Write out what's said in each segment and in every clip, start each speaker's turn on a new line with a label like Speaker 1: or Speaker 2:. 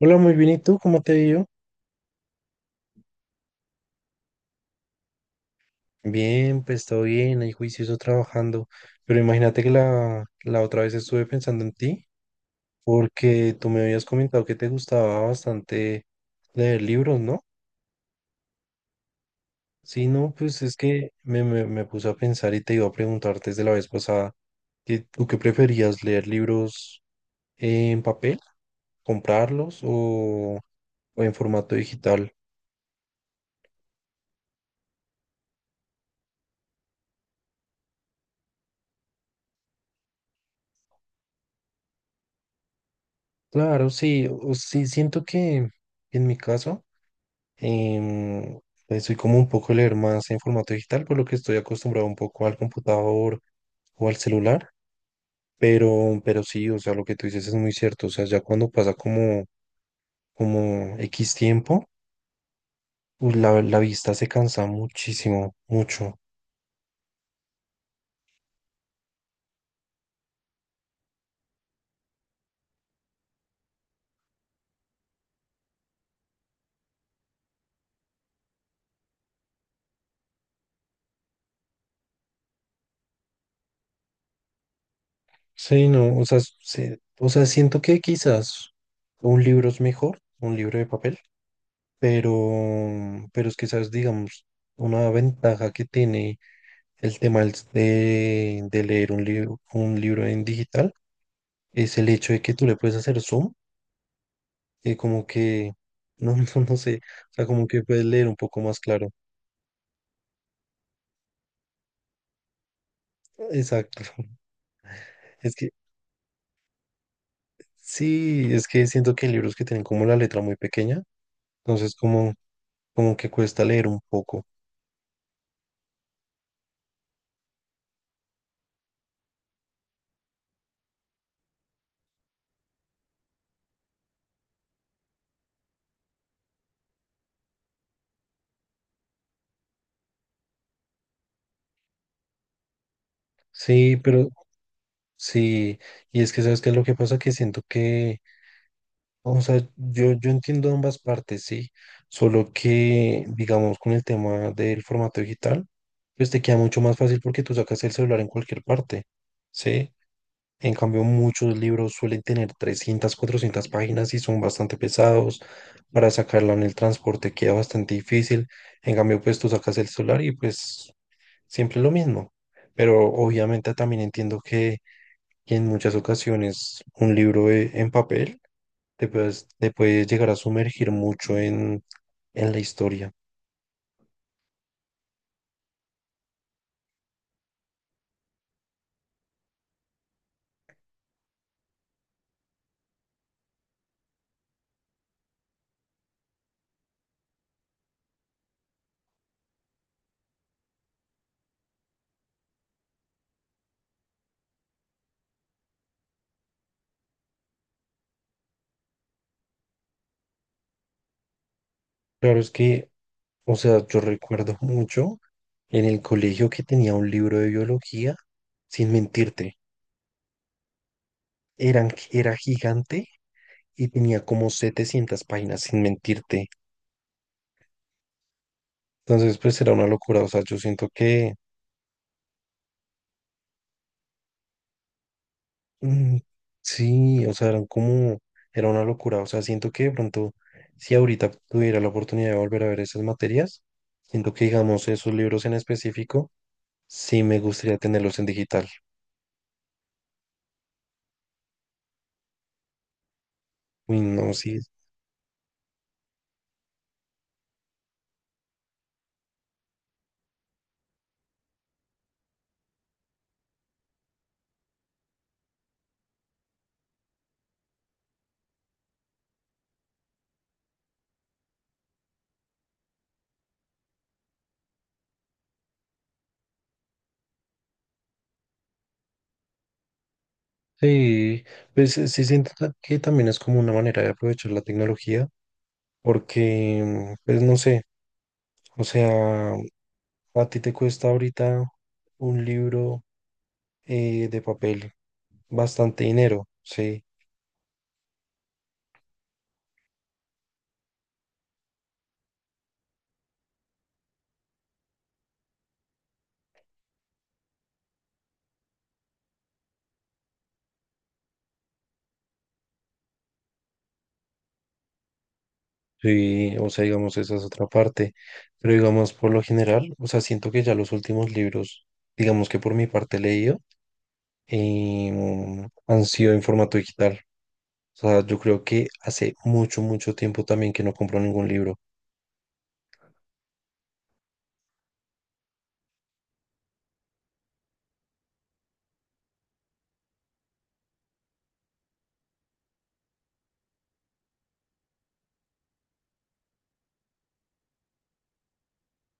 Speaker 1: Hola, muy bien. ¿Y tú? ¿Cómo te ha ido? Bien, pues todo bien, ahí juicioso trabajando. Pero imagínate que la otra vez estuve pensando en ti, porque tú me habías comentado que te gustaba bastante leer libros, ¿no? Sí, no, pues es que me puse a pensar y te iba a preguntar desde la vez pasada, que, ¿tú qué preferías, leer libros en papel, comprarlos o en formato digital? Claro, sí, sí, siento que en mi caso. em, pues soy como un poco leer más en formato digital, por lo que estoy acostumbrado un poco al computador o al celular, pero sí, o sea, lo que tú dices es muy cierto, o sea, ya cuando pasa como, X tiempo, pues la vista se cansa muchísimo, mucho. Sí, no, o sea, o sea, siento que quizás un libro es mejor, un libro de papel, pero, pero es que, sabes, digamos, una ventaja que tiene el tema de leer un libro en digital es el hecho de que tú le puedes hacer zoom y como que, no, no sé, o sea, como que puedes leer un poco más claro. Exacto. Es que sí, es que siento que hay libros que tienen como la letra muy pequeña, entonces como que cuesta leer un poco. Sí, pero sí, y es que sabes qué es lo que pasa, que siento que, o sea, yo entiendo ambas partes, sí, solo que, digamos, con el tema del formato digital, pues te queda mucho más fácil porque tú sacas el celular en cualquier parte, ¿sí? En cambio, muchos libros suelen tener 300, 400 páginas y son bastante pesados. Para sacarla en el transporte queda bastante difícil. En cambio, pues tú sacas el celular y pues siempre lo mismo. Pero obviamente también entiendo que en muchas ocasiones un libro en papel te puedes llegar a sumergir mucho en la historia. Claro, es que, o sea, yo recuerdo mucho en el colegio que tenía un libro de biología, sin mentirte, eran, era gigante y tenía como 700 páginas, sin mentirte. Entonces, pues era una locura, o sea, yo siento que, mm, sí, o sea, eran como, era una locura, o sea, siento que de pronto, si ahorita tuviera la oportunidad de volver a ver esas materias, siento que, digamos, esos libros en específico, sí, me gustaría tenerlos en digital. Uy, no, sí. Sí, pues sí siento que también es como una manera de aprovechar la tecnología, porque, pues no sé, o sea, a ti te cuesta ahorita un libro de papel bastante dinero, sí. Sí, o sea, digamos, esa es otra parte, pero digamos, por lo general, o sea, siento que ya los últimos libros, digamos que por mi parte he leído, han sido en formato digital. O sea, yo creo que hace mucho, mucho tiempo también que no compro ningún libro.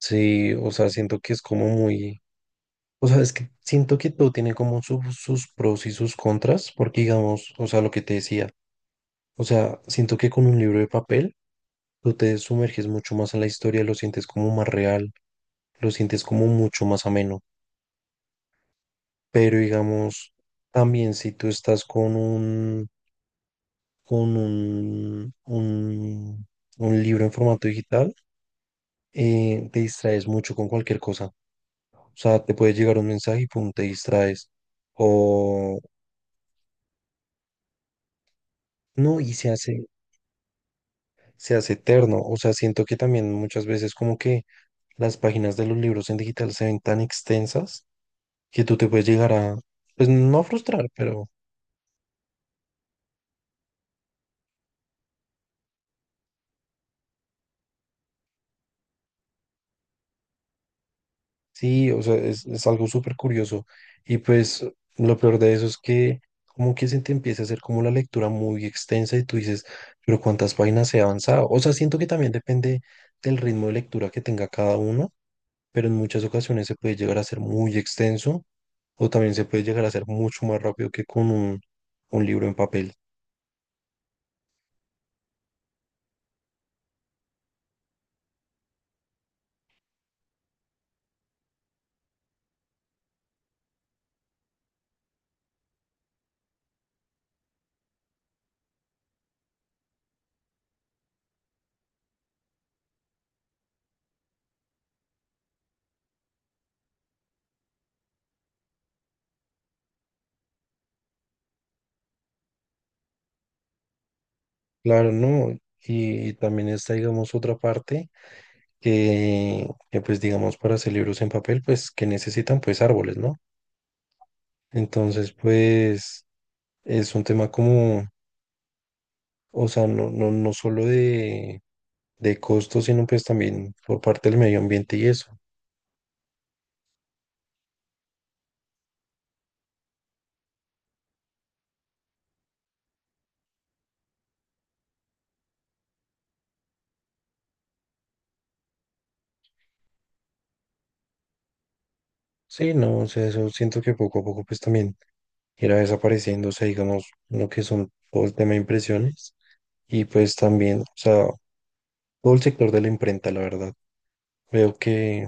Speaker 1: Sí, o sea, siento que es como muy, o sea, es que siento que todo tiene como sus pros y sus contras, porque digamos, o sea, lo que te decía, o sea, siento que con un libro de papel tú te sumerges mucho más en la historia, lo sientes como más real, lo sientes como mucho más ameno. Pero digamos, también si tú estás con un, con un libro en formato digital, te distraes mucho con cualquier cosa. O sea, te puede llegar un mensaje y pum, te distraes. O no, y se hace eterno. O sea, siento que también muchas veces como que las páginas de los libros en digital se ven tan extensas que tú te puedes llegar a, pues no a frustrar, pero sí, o sea, es algo súper curioso. Y pues lo peor de eso es que como que se te empieza a hacer como la lectura muy extensa y tú dices, pero ¿cuántas páginas he avanzado? O sea, siento que también depende del ritmo de lectura que tenga cada uno, pero en muchas ocasiones se puede llegar a ser muy extenso o también se puede llegar a ser mucho más rápido que con un libro en papel. Claro, ¿no? Y también está, digamos, otra parte que, pues, digamos, para hacer libros en papel, pues, que necesitan, pues, árboles, ¿no? Entonces, pues es un tema como, o sea, no solo de costos, sino pues también por parte del medio ambiente y eso. Sí, no, o sea, eso siento que poco a poco pues también irá desapareciendo, o sea, digamos, lo que son todo el tema de impresiones y pues también, o sea, todo el sector de la imprenta, la verdad. Veo que,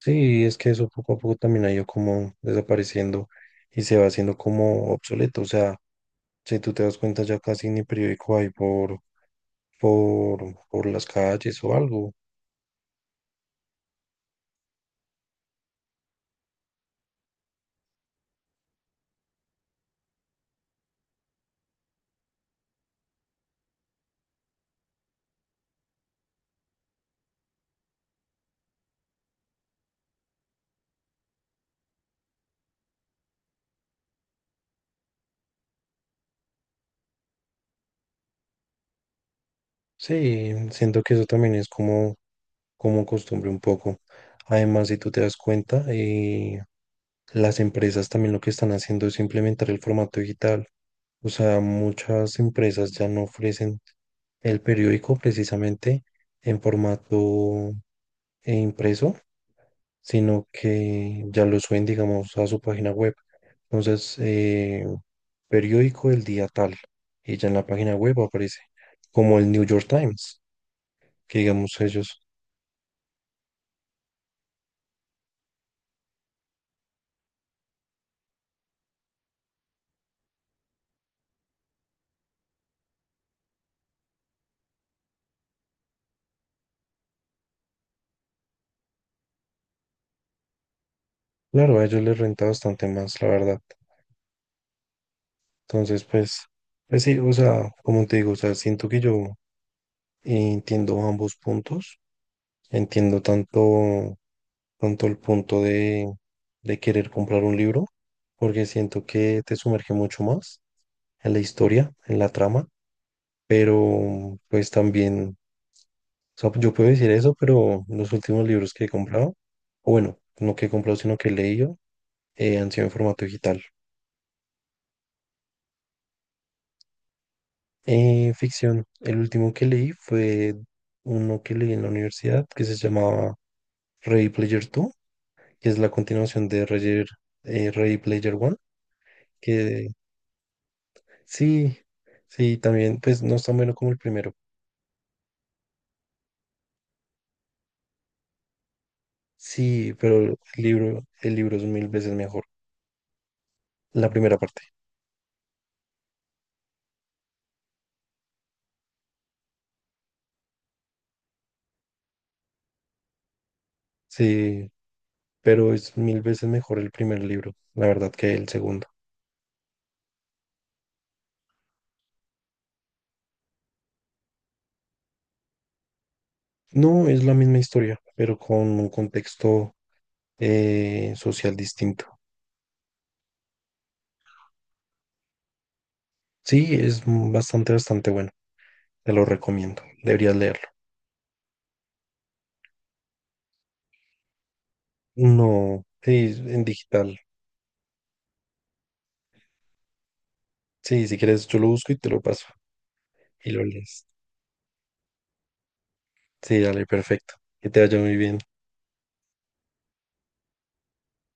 Speaker 1: sí, es que eso poco a poco también ha ido como desapareciendo y se va haciendo como obsoleto. O sea, si tú te das cuenta, ya casi ni periódico hay por las calles o algo. Sí, siento que eso también es como, como costumbre un poco. Además, si tú te das cuenta, las empresas también lo que están haciendo es implementar el formato digital. O sea, muchas empresas ya no ofrecen el periódico precisamente en formato e impreso, sino que ya lo suben, digamos, a su página web. Entonces, periódico del día tal, y ya en la página web aparece, como el New York Times, que digamos ellos, claro, a ellos les renta bastante más, la verdad. Entonces, pues, pues sí, o sea, como te digo, o sea, siento que yo entiendo ambos puntos, entiendo tanto, tanto el punto de querer comprar un libro, porque siento que te sumerge mucho más en la historia, en la trama, pero pues también, o sea, yo puedo decir eso, pero los últimos libros que he comprado, o bueno, no que he comprado, sino que he leído, han sido en formato digital. Ficción, el último que leí fue uno que leí en la universidad que se llamaba Ready Player 2, que es la continuación de Ready Player 1, que sí, sí, también, pues no es tan bueno como el primero. Sí, pero el libro es mil veces mejor. La primera parte. Sí, pero es mil veces mejor el primer libro, la verdad, que el segundo. No es la misma historia, pero con un contexto social distinto. Sí, es bastante, bastante bueno. Te lo recomiendo. Deberías leerlo. No, sí, en digital. Sí, si quieres, yo lo busco y te lo paso. Y lo lees. Sí, dale, perfecto. Que te vaya muy bien.